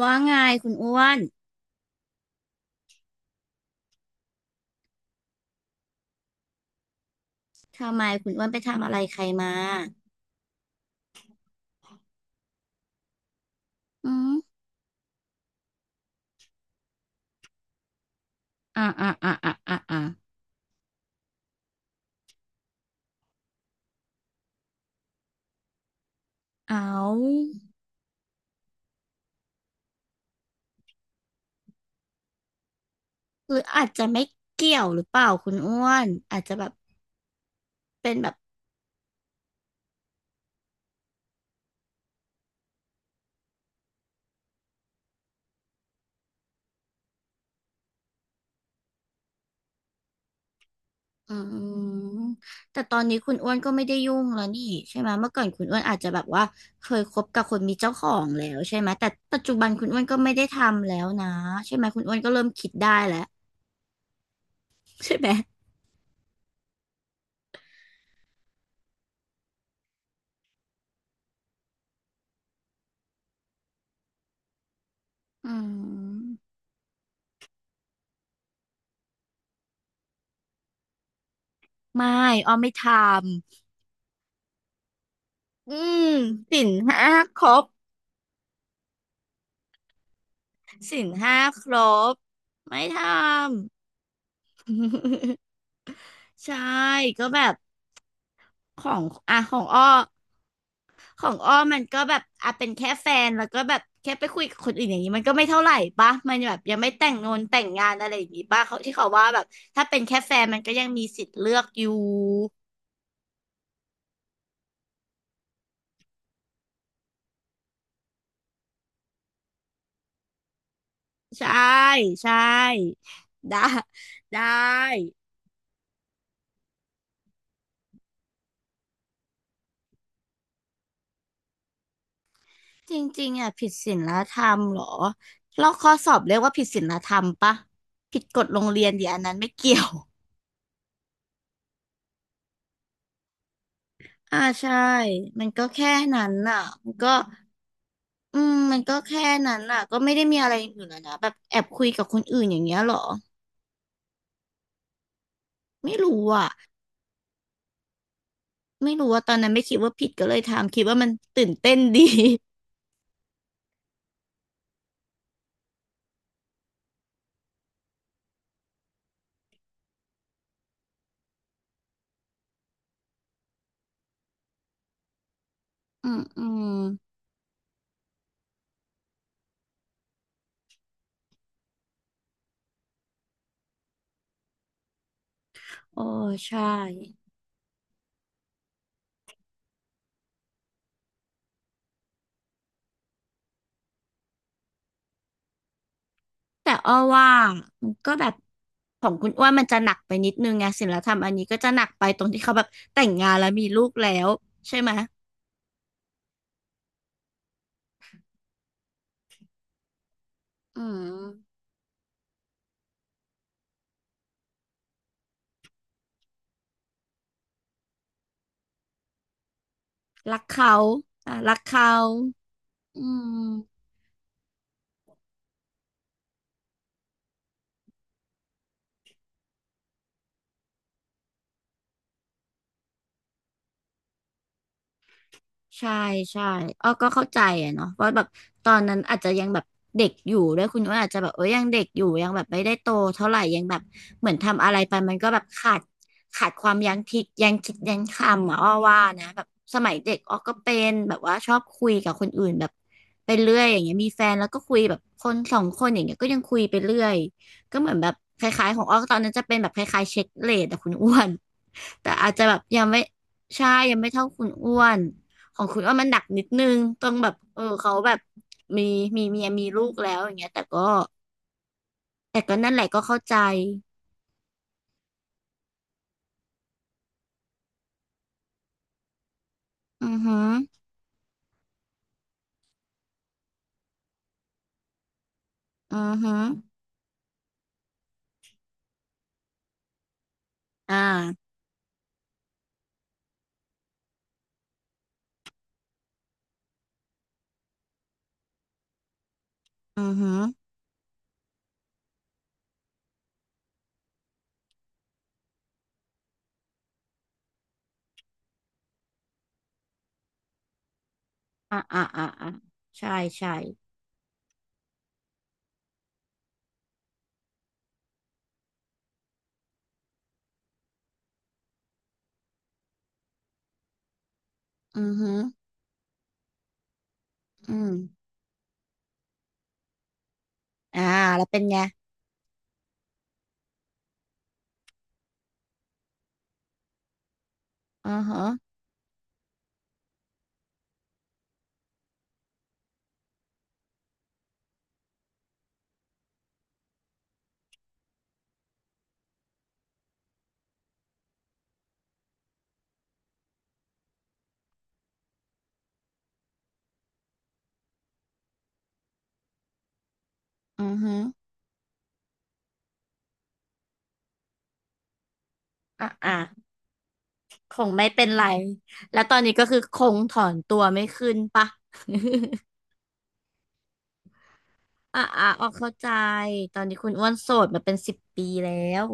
ว่าไงคุณอ้วนทำไมคุณอ้วนไปทำอะไรใครมาอืมอ่าอ่าอ่าอ่าอ่าอ่าเอาหรืออาจจะไม่เกี่ยวหรือเปล่าคุณอ้วนอาจจะแบบเป็นแบบอืมแต่ตอนนี้คุณอ้วนก็ไม่ได้ยุ่งแล้วนี่ใช่ไหมเมื่อก่อนคุณอ้วนอาจจะแบบว่าเคยคบกับคนมีเจ้าของแล้วใช่ไหมแต่ปัจจุบันคุณอ้วนก็ไม่ได้ทำแล้วนะใช่ไหมคุณอ้วนก็เริ่มคิดได้แล้วใช่ไหมอืมไม่อ้อไม่ทำอืมสินห้าครบ ศีลห้าครบไม่ทำ ใช่ก็แบบของอ่ะของอ้อมันก็แบบอ่ะเป็นแค่แฟนแล้วก็แบบแค่ไปคุยกับคนอื่นอย่างนี้มันก็ไม่เท่าไหร่ปะมันแบบยังไม่แต่งงานแต่งงานอะไรอย่างงี้ปะเขาที่เขาว่าแบบถ้าเป็นแค่แฟนมันก็ยังมีสิทธิ์เลือกอยู่ใช่ใช่ได้ได้ จริงๆอ่ะผิดศีลธรรมเหรอแลอกข้อสอบเรียกว่าผิดศีลธรรมปะผิดกฎโรงเรียนดิอันนั้นไม่เกี่ยวอ่าใช่มันก็แค่นั้นน่ะมันก็อืมมันก็แค่นั้นน่ะก็ไม่ได้มีอะไรอย่างอื่นแล้วนะแบบแอบคุยกับคนอื่นอย่างเงี้ยเหรอไม่รู้อ่ะไม่รู้ว่าตอนนั้นไม่คิดว่าผิดก็เลยทำคิดว่ามันตื่นเต้นดีอืมอืมโอ้ใช่แต่อ้อว่ามันก็แบบ ของคุณอ้วนมันจะหนักไปนิดนึงไงศิลธรรมอันนี้ก็จะหนักไปตรงที่เขาแบบแต่งงานแล้วมีลูกแล้วใช่ไหมยอืมรักเขาอ่ะรักเขาอืม ใช่ใช่อ้อก็เข้าใจอะเนาะว่าแบบตอนนั้นอาจจะยังแบบเด็กอยู่ด้วยคุณว่าอาจจะแบบเอ้ยยังเด็กอยู่ยังแบบไม่ได้โตเท่าไหร่ยังแบบเหมือนทำอะไรไปมันก็แบบขาดความยั้งคิดยังคิดยั้งคำอะอ้อว่านะแบบสมัยเด็กอ้อก็เป็นแบบว่าชอบคุยกับคนอื่นแบบไปเรื่อยอย่างเงี้ยมีแฟนแล้วก็คุยแบบคนสองคนอย่างเงี้ยก็ยังคุยไปเรื่อยก็เหมือนแบบคล้ายๆของอ้อตอนนั้นจะเป็นแบบคล้ายๆเช็คเรทอะคุณอ้วนแต่อาจจะแบบยังไม่ใช่ยังไม่เท่าคุณอ้วน ของคุณว่ามันหนักนิดนึงต้องแบบเออเขาแบบมีเมียมีลูกแล้วอย่างเงี้ยแต่ก็แต่ก็นั่นแหละก็เข้าใจอือหืออือหืออ่าอือหืออ่าอ่าอ่าอ่าใช่ใช่อือหืออืมอ่าแล้วเป็นไงอือหืออือหืออ่าอ่าคงไม่เป็นไรแล้วตอนนี้ก็คือคงถอนตัวไม่ขึ้นปะ อ่าอ่าออกเข้าใจตอนนี้คุณอ้วนโสดมาเป็นสิบปีแล้ว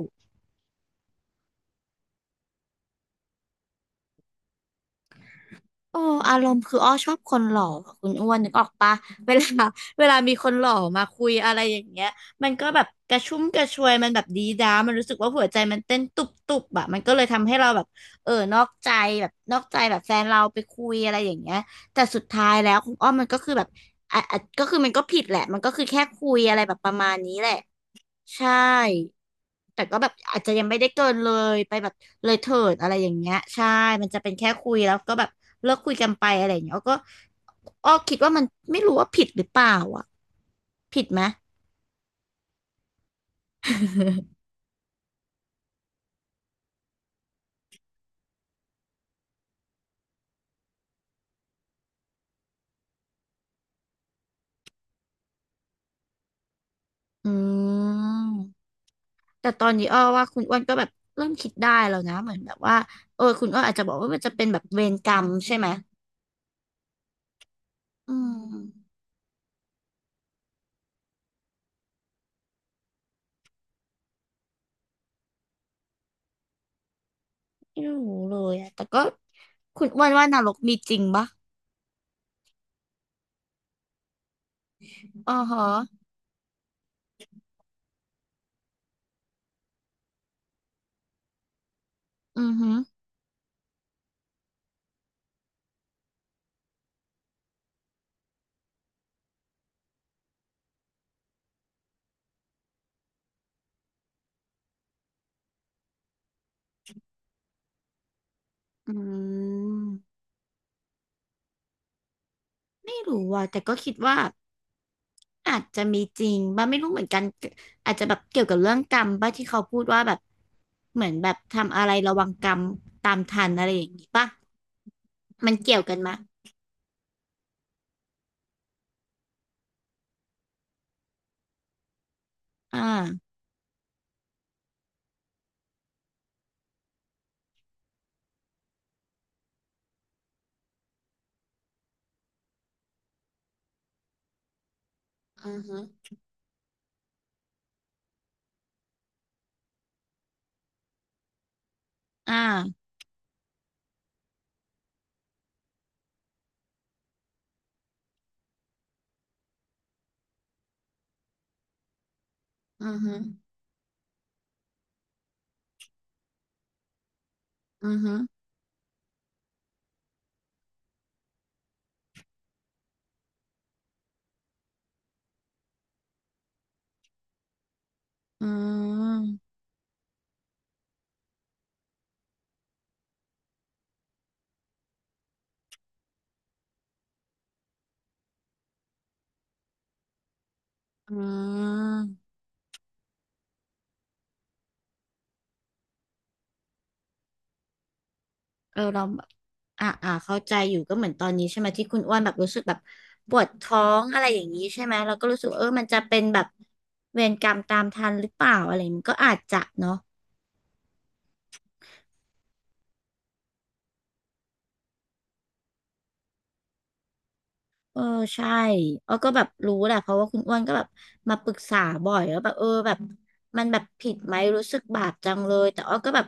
โอ้อารมณ์คืออ้อชอบคนหล่ออะคุณอ้วนนึกออกปะเวลา เวลามีคนหล่อมาคุยอะไรอย่างเงี้ยมันก็แบบกระชุ่มกระชวยมันแบบดีด้ามันรู้สึกว่าหัวใจมันเต้นตุบตุบอะมันก็เลยทำให้เราแบบเออนอกใจแบบนอกใจแบบแฟนเราไปคุยอะไรอย่างเงี้ยแต่สุดท้ายแล้วคุณอ้อมันก็คือแบบอ่ะอ่ะก็คือมันก็ผิดแหละมันก็คือแค่คุยอะไรแบบประมาณนี้แหละใช่ แต่ก็แบบอาจจะยังไม่ได้เกินเลยไปแบบเลยเถิดอะไรอย่างเงี้ยใช่มันจะเป็นแค่คุยแล้วก็แบบเลิกคุยกันไปอะไรอย่างเงี้ยอ้อก็อ้อคิดว่ามันไม่รู้ว่าผิดหรือเปล่าอ่ะผิดไหม อืมแต่ตอนนี้อ้อว่าคุณอ้วนก็แบบเริ่มคิดได้แล้วนะเหมือนแบบว่าเออคุณอ้วนอาจจะบอกว่ามันจะเป็นแบบเวรกรรมใช่ไหมอืมไม่รู้เลยอะแต่ก็คุณอ้วนว่านรกมีจริงปะอ๋อฮะอือฮึอืม ไม่รู้ว่ะแต่ก็คิดว่าอาจจะมีจริงบ้าไม่รู้เหมือนกันอาจจะแบบเกี่ยวกับเรื่องกรรมบ้าที่เขาพูดว่าแบบเหมือนแบบทำอะไรระวังกรรมตามทันอะไรอย่างนี้ป่ะมันเกี่ยวกันมะอ่าอือฮึอ่าอือฮึอือฮึอืมอืม เออเราแบบอ่าอ่าเข้าใจอยู่ก็เหมือนตอนนี้ใช่ไหมที่คุณอ้วนแบบรู้สึกแบบปวดท้องอะไรอย่างนี้ใช่ไหมเราก็รู้สึกว่าเออมันจะเป็นแบบเวรกรรมตามทันหรือเปล่าอะไรอย่างนี้มันก็อาจจะเนาะเออใช่เออก็แบบรู้แหละเพราะว่าคุณอ้วนก็แบบมาปรึกษาบ่อยแล้วาแบบเออแบบมันแบบผิดไหมรู้สึกบาปจังเลยแต่อ้อก็แบบ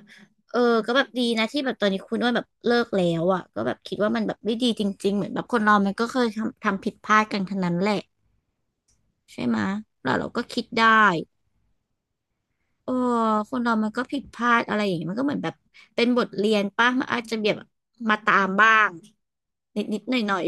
เออก็แบบดีนะที่แบบตอนนี้คุณอ้วนแบบเลิกแล้วอ่ะก็แบบคิดว่ามันแบบไม่ดีจริงๆเหมือนแบบคนเรามันก็เคยทำผิดพลาดกันทั้งนั้นแหละ ใช่ไหมะแล้วเราก็คิดได้เออคนเรามันก็ผิดพลาดอะไรอย่างเงี้ยมันก็เหมือนแบบเป็นบทเรียนป่ะมันอาจจะแบบมาตามบ้างนิดนิดหน่อยหน่อย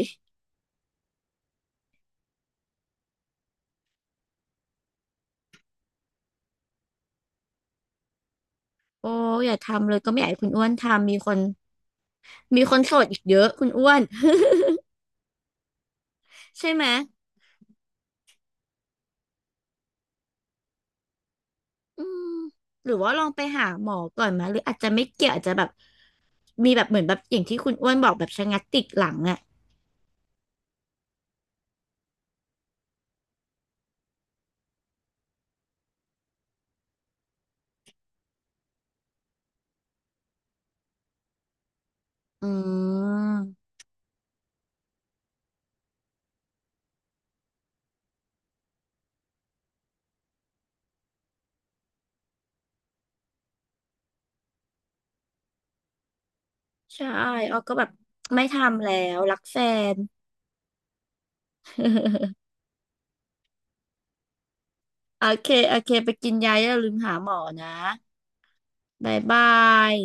ๆโอ้อย่าทำเลยก็ไม่อยากให้คุณอ้วนทำมีคนโสดอีกเยอะคุณอ้วน ใช่ไหมอืมหรือว่าลองไปหาหมอก่อนไหมหรืออาจจะไม่เกี่ยวอาจจะแบบมีแบบเหมือนแบบอย่างที่คุณอ้วนบอกแบบชะงักติดหลังอ่ะอืมใช่อ้อก็แบบไม่ทำแล้วรักแฟน โอเค โอเค ไปกินยาอย่าลืมหาหมอนะบ๊ายบาย